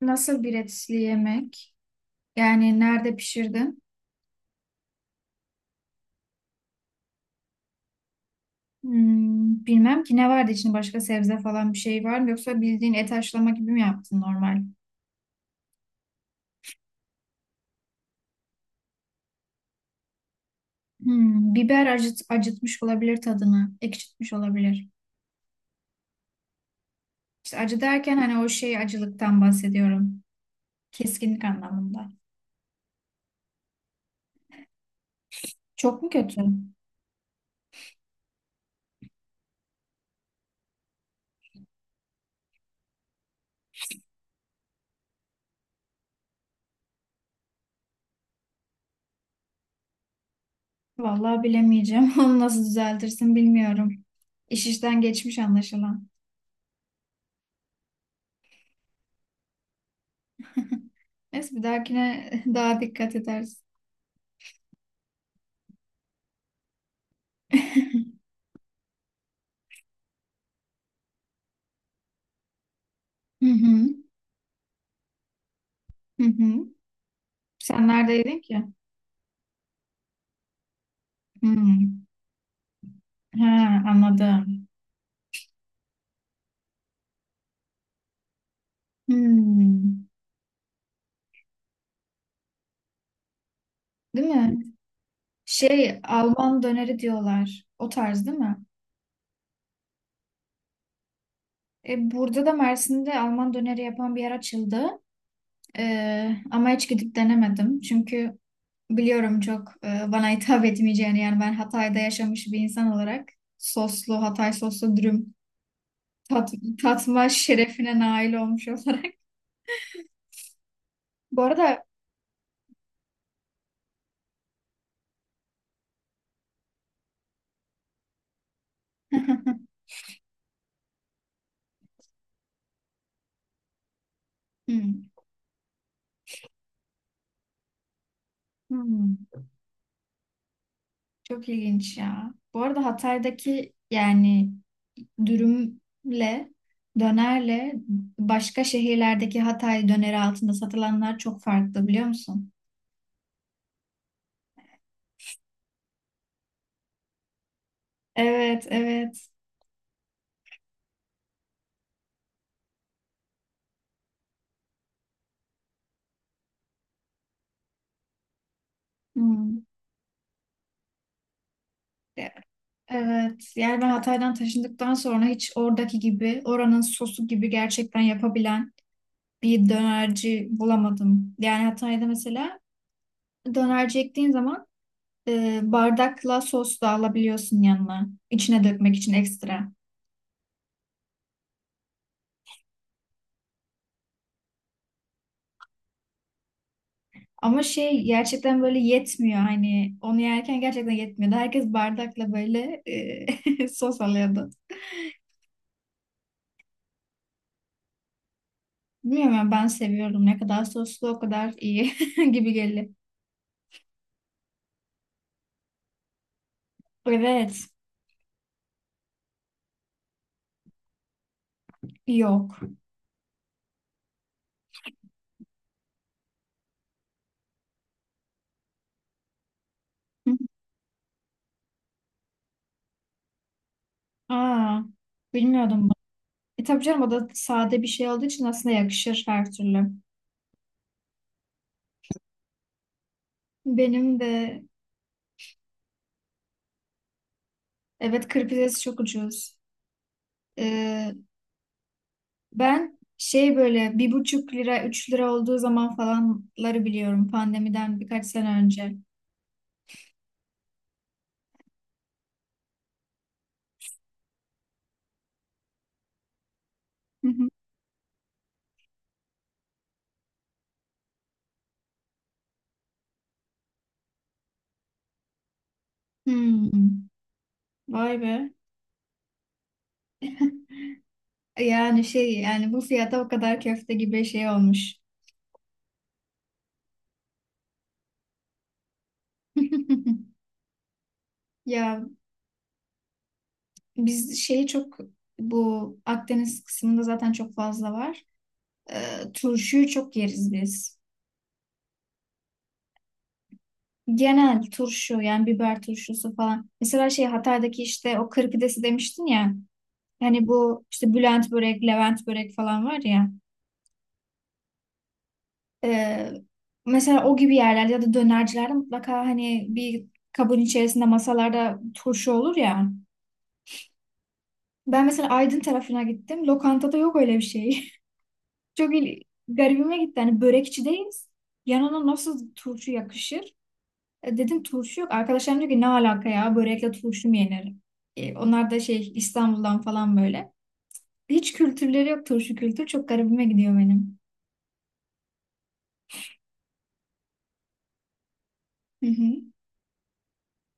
Nasıl bir etli yemek? Yani nerede pişirdin? Hmm, bilmem ki ne vardı içinde başka sebze falan bir şey var mı? Yoksa bildiğin et haşlama gibi mi yaptın normal? Hmm, acıtmış olabilir tadını. Ekşitmiş olabilir. İşte acı derken hani o şey acılıktan bahsediyorum. Keskinlik anlamında. Çok mu kötü? Vallahi bilemeyeceğim. Onu nasıl düzeltirsin bilmiyorum. İş işten geçmiş anlaşılan. Neyse bir dahakine daha dikkat edersin. Hı hı. Hı hı. Sen neredeydin ki? Hmm. Ha, anladım. Hmm. Değil mi? Şey, Alman döneri diyorlar. O tarz değil mi? Burada da Mersin'de Alman döneri yapan bir yer açıldı. Ama hiç gidip denemedim. Çünkü biliyorum çok bana hitap etmeyeceğini. Yani ben Hatay'da yaşamış bir insan olarak soslu, Hatay soslu dürüm tat, tatma şerefine nail olmuş olarak. Bu arada Hmm. Hmm. Çok ilginç ya. Bu arada Hatay'daki yani dürümle dönerle başka şehirlerdeki Hatay döneri altında satılanlar çok farklı biliyor musun? Evet, evet. Hmm. E- Evet. Yani ben Hatay'dan taşındıktan sonra hiç oradaki gibi, oranın sosu gibi gerçekten yapabilen bir dönerci bulamadım. Yani Hatay'da mesela dönerci ektiğin zaman bardakla sos da alabiliyorsun yanına. İçine dökmek için ekstra. Ama şey gerçekten böyle yetmiyor hani onu yerken gerçekten yetmiyordu. Herkes bardakla böyle sos alıyordu. Bilmiyorum ya, ben seviyorum. Ne kadar soslu o kadar iyi gibi geliyor. Evet. Yok. Aa, bilmiyordum bunu. E tabii canım o da sade bir şey olduğu için aslında yakışır her türlü. Benim de evet kır pidesi çok ucuz. Ee, Ben şey böyle bir buçuk lira üç lira olduğu zaman falanları biliyorum pandemiden birkaç sene önce. Hı hı. Hmm, vay be. Yani şey yani bu fiyata o kadar köfte gibi şey olmuş. Ya biz şeyi çok bu Akdeniz kısmında zaten çok fazla var. Turşuyu çok yeriz biz. Genel turşu yani biber turşusu falan. Mesela şey Hatay'daki işte o kır demiştin ya. Hani bu işte Bülent börek, Levent börek falan var ya. Ee, Mesela o gibi yerlerde ya da dönercilerde mutlaka hani bir kabın içerisinde masalarda turşu olur ya. Ben mesela Aydın tarafına gittim. Lokantada yok öyle bir şey. Çok il- Garibime gitti. Hani börekçideyiz. Yanına nasıl turşu yakışır? Dedim turşu yok. Arkadaşlarım diyor ki ne alaka ya börekle turşu mu yenir? Onlar da şey İstanbul'dan falan böyle. Hiç kültürleri yok turşu kültür. Çok garibime gidiyor benim. Hı hı.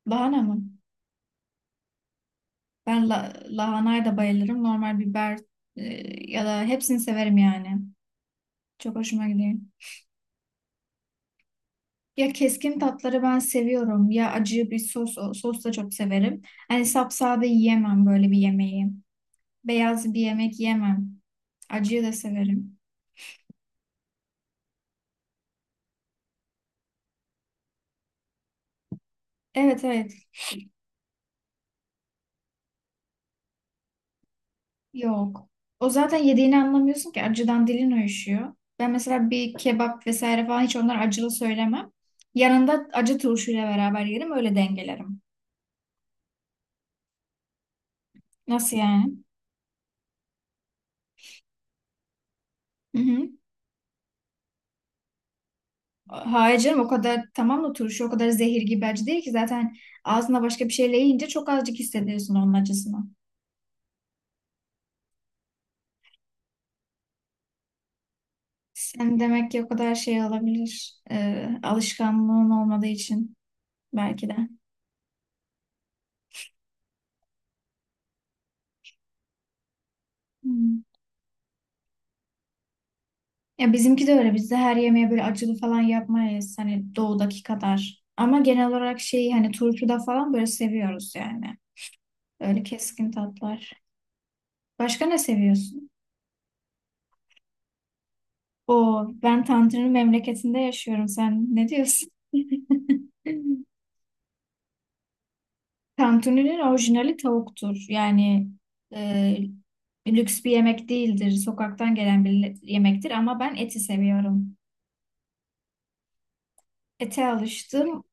Lahana mı? Ben lahanaya da bayılırım. Normal biber e, ya da hepsini severim yani. Çok hoşuma gidiyor. Ya keskin tatları ben seviyorum ya acı bir sos da çok severim. Hani sapsade yiyemem böyle bir yemeği. Beyaz bir yemek yemem. Acıyı da severim. Evet, evet, yok. O zaten yediğini anlamıyorsun ki acıdan dilin uyuşuyor. Ben mesela bir kebap vesaire falan hiç onlar acılı söylemem. Yanında acı turşuyla beraber yerim öyle dengelerim. Nasıl yani? Hı hı. Hayır canım o kadar tamam da turşu o kadar zehir gibi acı değil ki zaten ağzına başka bir şeyle yiyince çok azıcık hissediyorsun onun acısını. Sen demek ki o kadar şey olabilir alışkanlığın olmadığı için belki de. Hmm. Ya bizimki de öyle bizde her yemeğe böyle acılı falan yapmayız hani doğudaki kadar. Ama genel olarak şeyi hani turşuda falan böyle seviyoruz yani. Öyle keskin tatlar. Başka ne seviyorsun? O ben Tanrı'nın memleketinde yaşıyorum sen ne diyorsun? Tantuninin orijinali tavuktur. Yani e, lüks bir yemek değildir. Sokaktan gelen bir yemektir ama ben eti seviyorum. Ete alıştım.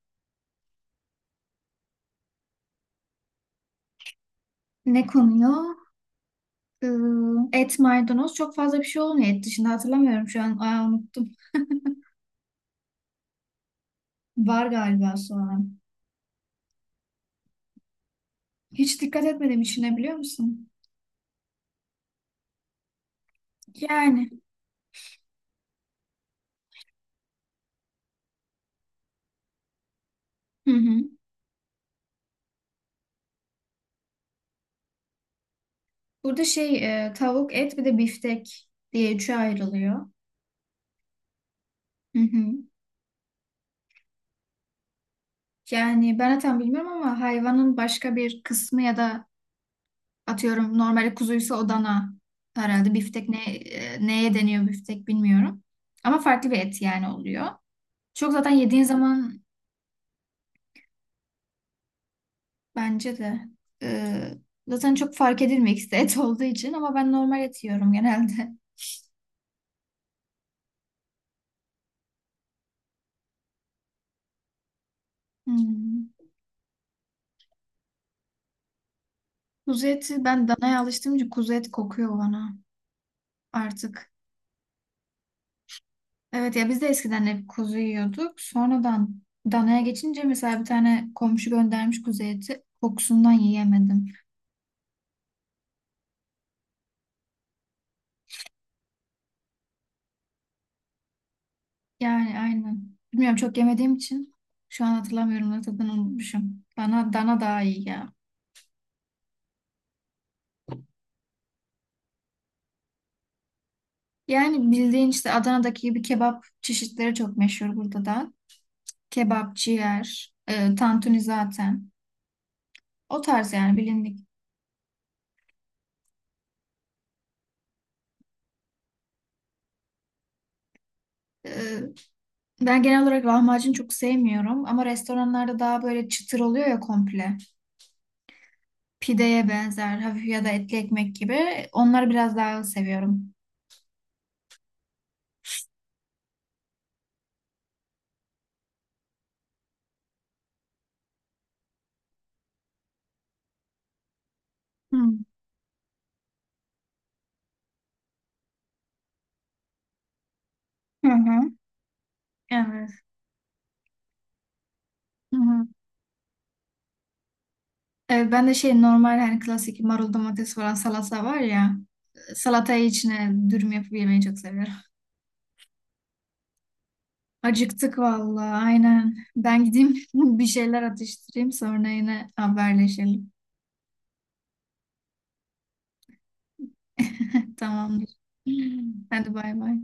Ne konuyor? Ee, Et, maydanoz çok fazla bir şey olmuyor et dışında hatırlamıyorum şu an. Aa, unuttum. Var galiba soğan. Hiç dikkat etmedim içine biliyor musun? Yani. Hı hı. Burada şey tavuk, et bir de biftek diye üçe ayrılıyor. Hı hı. Yani ben zaten bilmiyorum ama hayvanın başka bir kısmı ya da atıyorum normali kuzuysa Adana herhalde biftek neye deniyor biftek bilmiyorum. Ama farklı bir et yani oluyor. Çok zaten yediğin zaman bence de e, zaten çok fark edilmek et olduğu için ama ben normal et yiyorum genelde. Hmm. Kuzu eti ben danaya alıştığım için kuzu et kokuyor bana artık. Evet ya biz de eskiden hep kuzu yiyorduk. Sonradan danaya geçince mesela bir tane komşu göndermiş kuzu eti kokusundan yiyemedim. Yani aynen. Bilmiyorum çok yemediğim için şu an hatırlamıyorum ne tadını unutmuşum. Dana daha iyi ya. Yani bildiğin işte Adana'daki gibi kebap çeşitleri çok meşhur burada da. Kebap, ciğer, tantuni zaten. O tarz yani bilindik. E, Ben genel olarak lahmacun çok sevmiyorum ama restoranlarda daha böyle çıtır oluyor ya komple. Pideye benzer hafif ya da etli ekmek gibi. Onları biraz daha seviyorum. Hmm. Hı hı. Evet. Hı hı. Evet, ben de şey normal hani klasik marul domates falan salata var ya. Salatayı içine dürüm yapıp yemeyi çok seviyorum. Acıktık vallahi aynen. Ben gideyim bir şeyler atıştırayım sonra yine haberleşelim. Tamamdır. Hadi bay bay.